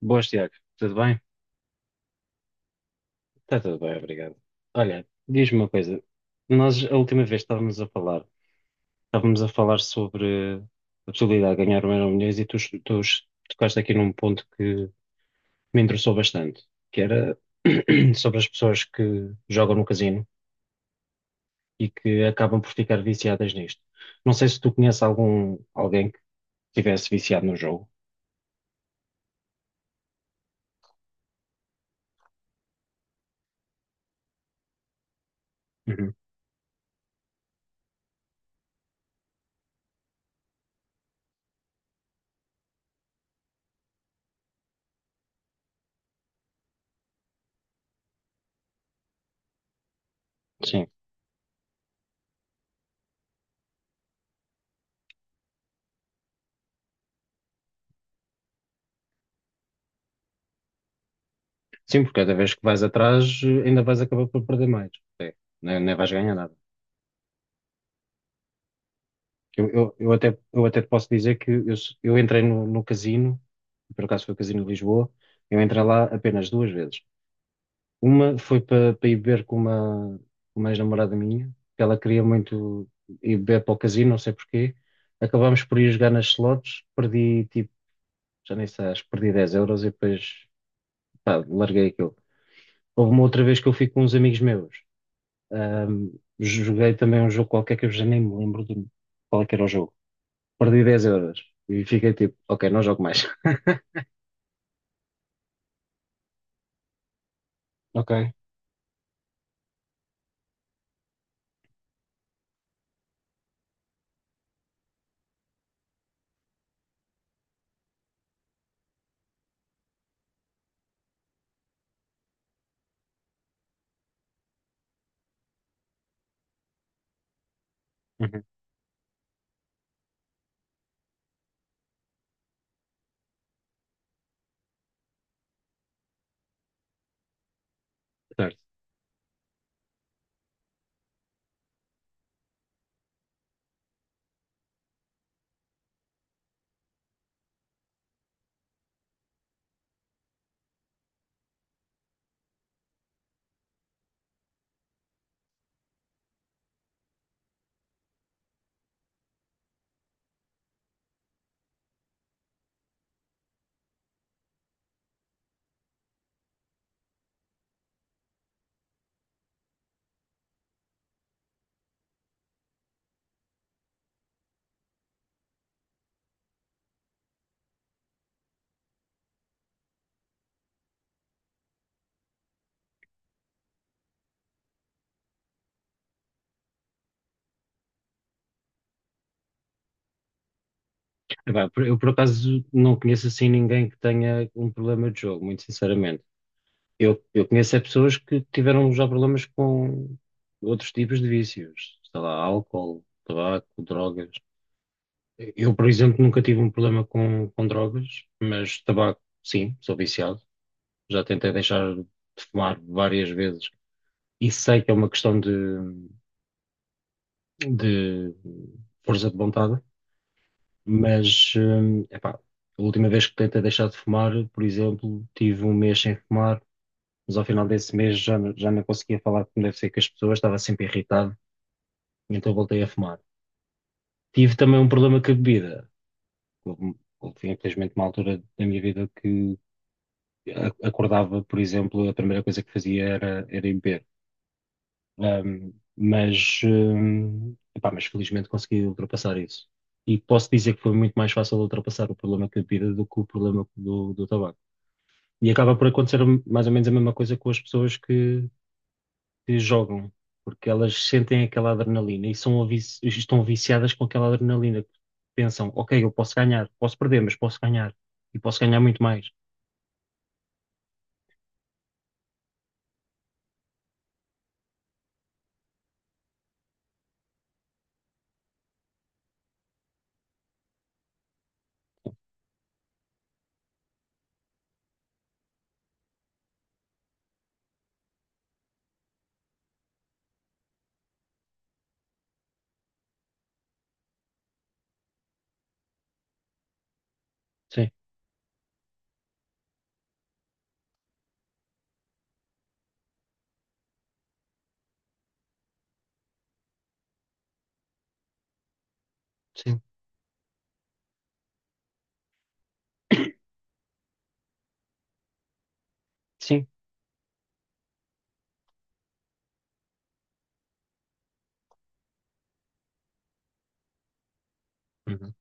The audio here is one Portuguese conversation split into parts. Boas, Tiago. Tudo bem? Está tudo bem, obrigado. Olha, diz-me uma coisa. Nós, a última vez, estávamos a falar sobre a possibilidade de ganhar um Euromilhões e tu tocaste aqui num ponto que me interessou bastante, que era sobre as pessoas que jogam no casino e que acabam por ficar viciadas nisto. Não sei se tu conheces alguém que estivesse viciado no jogo. Uhum. Sim. Sim, porque cada vez que vais atrás, ainda vais acabar por perder mais. Nem vais ganhar nada. Eu até te posso dizer que eu entrei no casino, por acaso foi o Casino de Lisboa, eu entrei lá apenas duas vezes. Uma foi para ir beber com uma ex-namorada minha, que ela queria muito ir beber para o casino, não sei porquê. Acabámos por ir jogar nas slots, perdi tipo, já nem sei, acho que perdi 10 euros e depois pá, larguei aquilo. Houve uma outra vez que eu fui com uns amigos meus, ahm, joguei também um jogo qualquer que eu já nem me lembro de qual é que era o jogo, perdi 10 euros. E fiquei tipo, ok, não jogo mais. Ok. Uhum. Certo. Epá, eu por acaso não conheço assim ninguém que tenha um problema de jogo, muito sinceramente. Eu conheço é pessoas que tiveram já problemas com outros tipos de vícios, sei lá, álcool, tabaco, drogas. Eu, por exemplo, nunca tive um problema com drogas, mas tabaco, sim, sou viciado. Já tentei deixar de fumar várias vezes e sei que é uma questão de força de vontade. Mas, epá, a última vez que tentei deixar de fumar, por exemplo, tive um mês sem fumar, mas ao final desse mês já não conseguia falar como deve ser com as pessoas, estava sempre irritado, então voltei a fumar. Tive também um problema com a bebida. Houve, infelizmente, uma altura da minha vida que acordava, por exemplo, a primeira coisa que fazia era ir beber. Mas, epá, mas felizmente consegui ultrapassar isso. E posso dizer que foi muito mais fácil ultrapassar o problema com a bebida do que o problema do tabaco. E acaba por acontecer mais ou menos a mesma coisa com as pessoas que jogam, porque elas sentem aquela adrenalina e estão viciadas com aquela adrenalina. Pensam, ok, eu posso ganhar, posso perder, mas posso ganhar e posso ganhar muito mais. Sim, sim, sim. Uhum.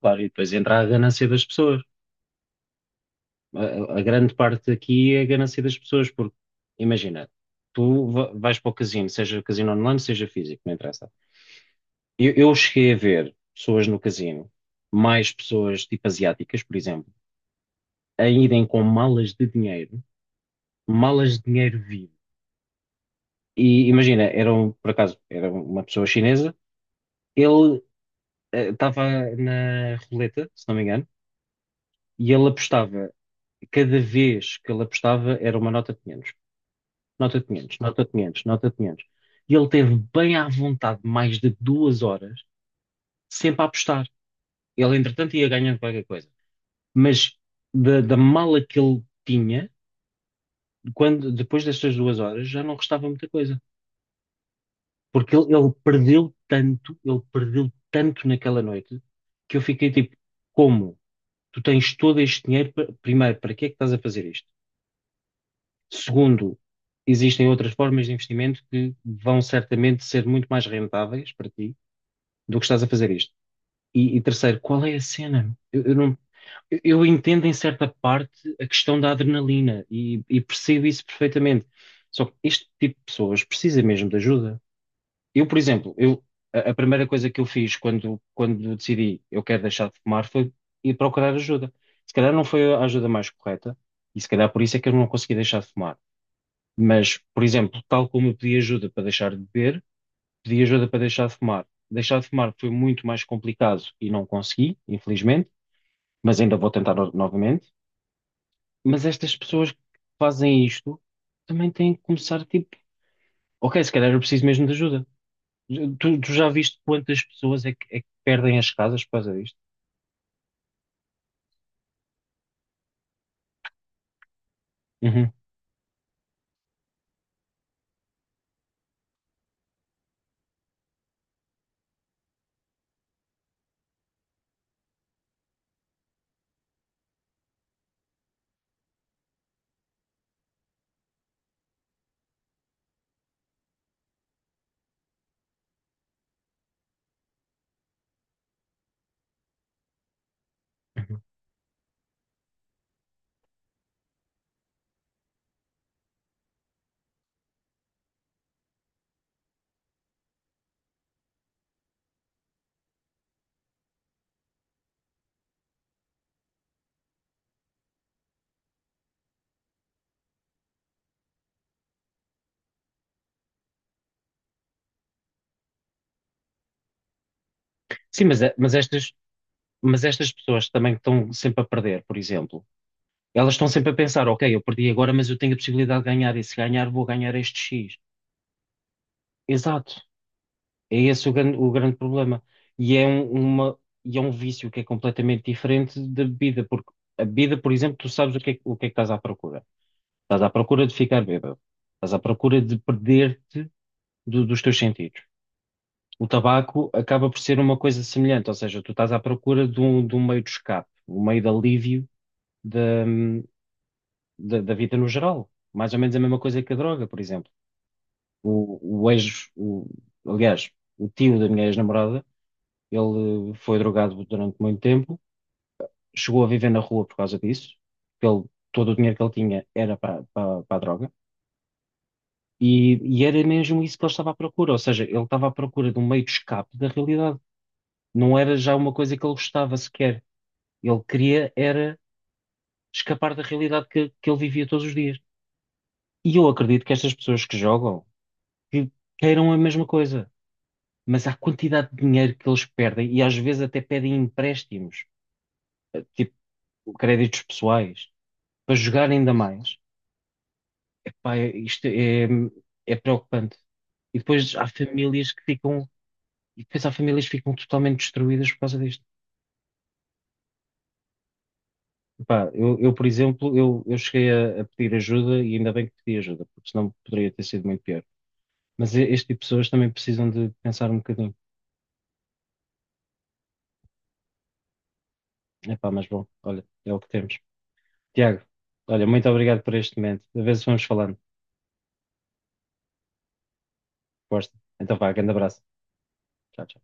Claro, e depois entra a ganância das pessoas. A grande parte aqui é a ganância das pessoas, porque imagina, tu vais para o casino, seja casino online, seja físico, não interessa. Eu cheguei a ver pessoas no casino, mais pessoas tipo asiáticas, por exemplo, a irem com malas de dinheiro vivo. E imagina, por acaso, era uma pessoa chinesa, ele estava na roleta, se não me engano, e ele apostava. Cada vez que ele apostava era uma nota de 500, nota de 500, nota de 500, nota de 500. E ele teve bem à vontade mais de 2 horas, sempre a apostar. Ele, entretanto, ia ganhando qualquer coisa, mas da mala que ele tinha, quando, depois destas 2 horas, já não restava muita coisa. Porque ele perdeu tanto, ele perdeu tanto naquela noite, que eu fiquei tipo, como? Tu tens todo este dinheiro, primeiro, para que é que estás a fazer isto? Segundo, existem outras formas de investimento que vão certamente ser muito mais rentáveis para ti do que estás a fazer isto. E terceiro, qual é a cena? Eu não, eu entendo em certa parte a questão da adrenalina e percebo isso perfeitamente. Só que este tipo de pessoas precisa mesmo de ajuda. Eu, por exemplo, a primeira coisa que eu fiz quando decidi eu quero deixar de fumar foi ir procurar ajuda. Se calhar não foi a ajuda mais correta e se calhar por isso é que eu não consegui deixar de fumar. Mas, por exemplo, tal como eu pedi ajuda para deixar de beber, pedi ajuda para deixar de fumar. Deixar de fumar foi muito mais complicado e não consegui, infelizmente, mas ainda vou tentar novamente. Mas estas pessoas que fazem isto também têm que começar, tipo, ok, se calhar eu preciso mesmo de ajuda. Tu já viste quantas pessoas é que perdem as casas por causa disto? Uhum, uhum. Sim, mas, mas estas pessoas também que estão sempre a perder, por exemplo, elas estão sempre a pensar, ok, eu perdi agora, mas eu tenho a possibilidade de ganhar, e se ganhar, vou ganhar este X. Exato. É esse o grande problema. E é um vício que é completamente diferente da bebida, porque a bebida, por exemplo, tu sabes o que é, o que é que estás à procura. Estás à procura de ficar bêbado. Estás à procura de perder-te dos teus sentidos. O tabaco acaba por ser uma coisa semelhante, ou seja, tu estás à procura de um meio de escape, um meio de alívio da, da vida no geral. Mais ou menos a mesma coisa que a droga, por exemplo. O, o ex, o, aliás, o tio da minha ex-namorada, ele foi drogado durante muito tempo, chegou a viver na rua por causa disso, porque ele, todo o dinheiro que ele tinha era para a droga, e era mesmo isso que ele estava à procura, ou seja, ele estava à procura de um meio de escape da realidade. Não era já uma coisa que ele gostava sequer. Ele queria era escapar da realidade que ele vivia todos os dias. E eu acredito que estas pessoas que jogam que queiram a mesma coisa, mas a quantidade de dinheiro que eles perdem, e às vezes até pedem empréstimos, tipo créditos pessoais para jogar ainda mais. Epá, isto é, é preocupante. E depois há famílias que ficam, e depois há famílias que ficam totalmente destruídas por causa disto. Epá, por exemplo, eu cheguei a pedir ajuda e ainda bem que pedi ajuda, porque senão poderia ter sido muito pior. Mas este tipo de pessoas também precisam de pensar um bocadinho. Epá, mas bom, olha, é o que temos. Tiago, olha, muito obrigado por este momento. A ver se vamos falando. Gosto. Então vá, grande abraço. Tchau, tchau.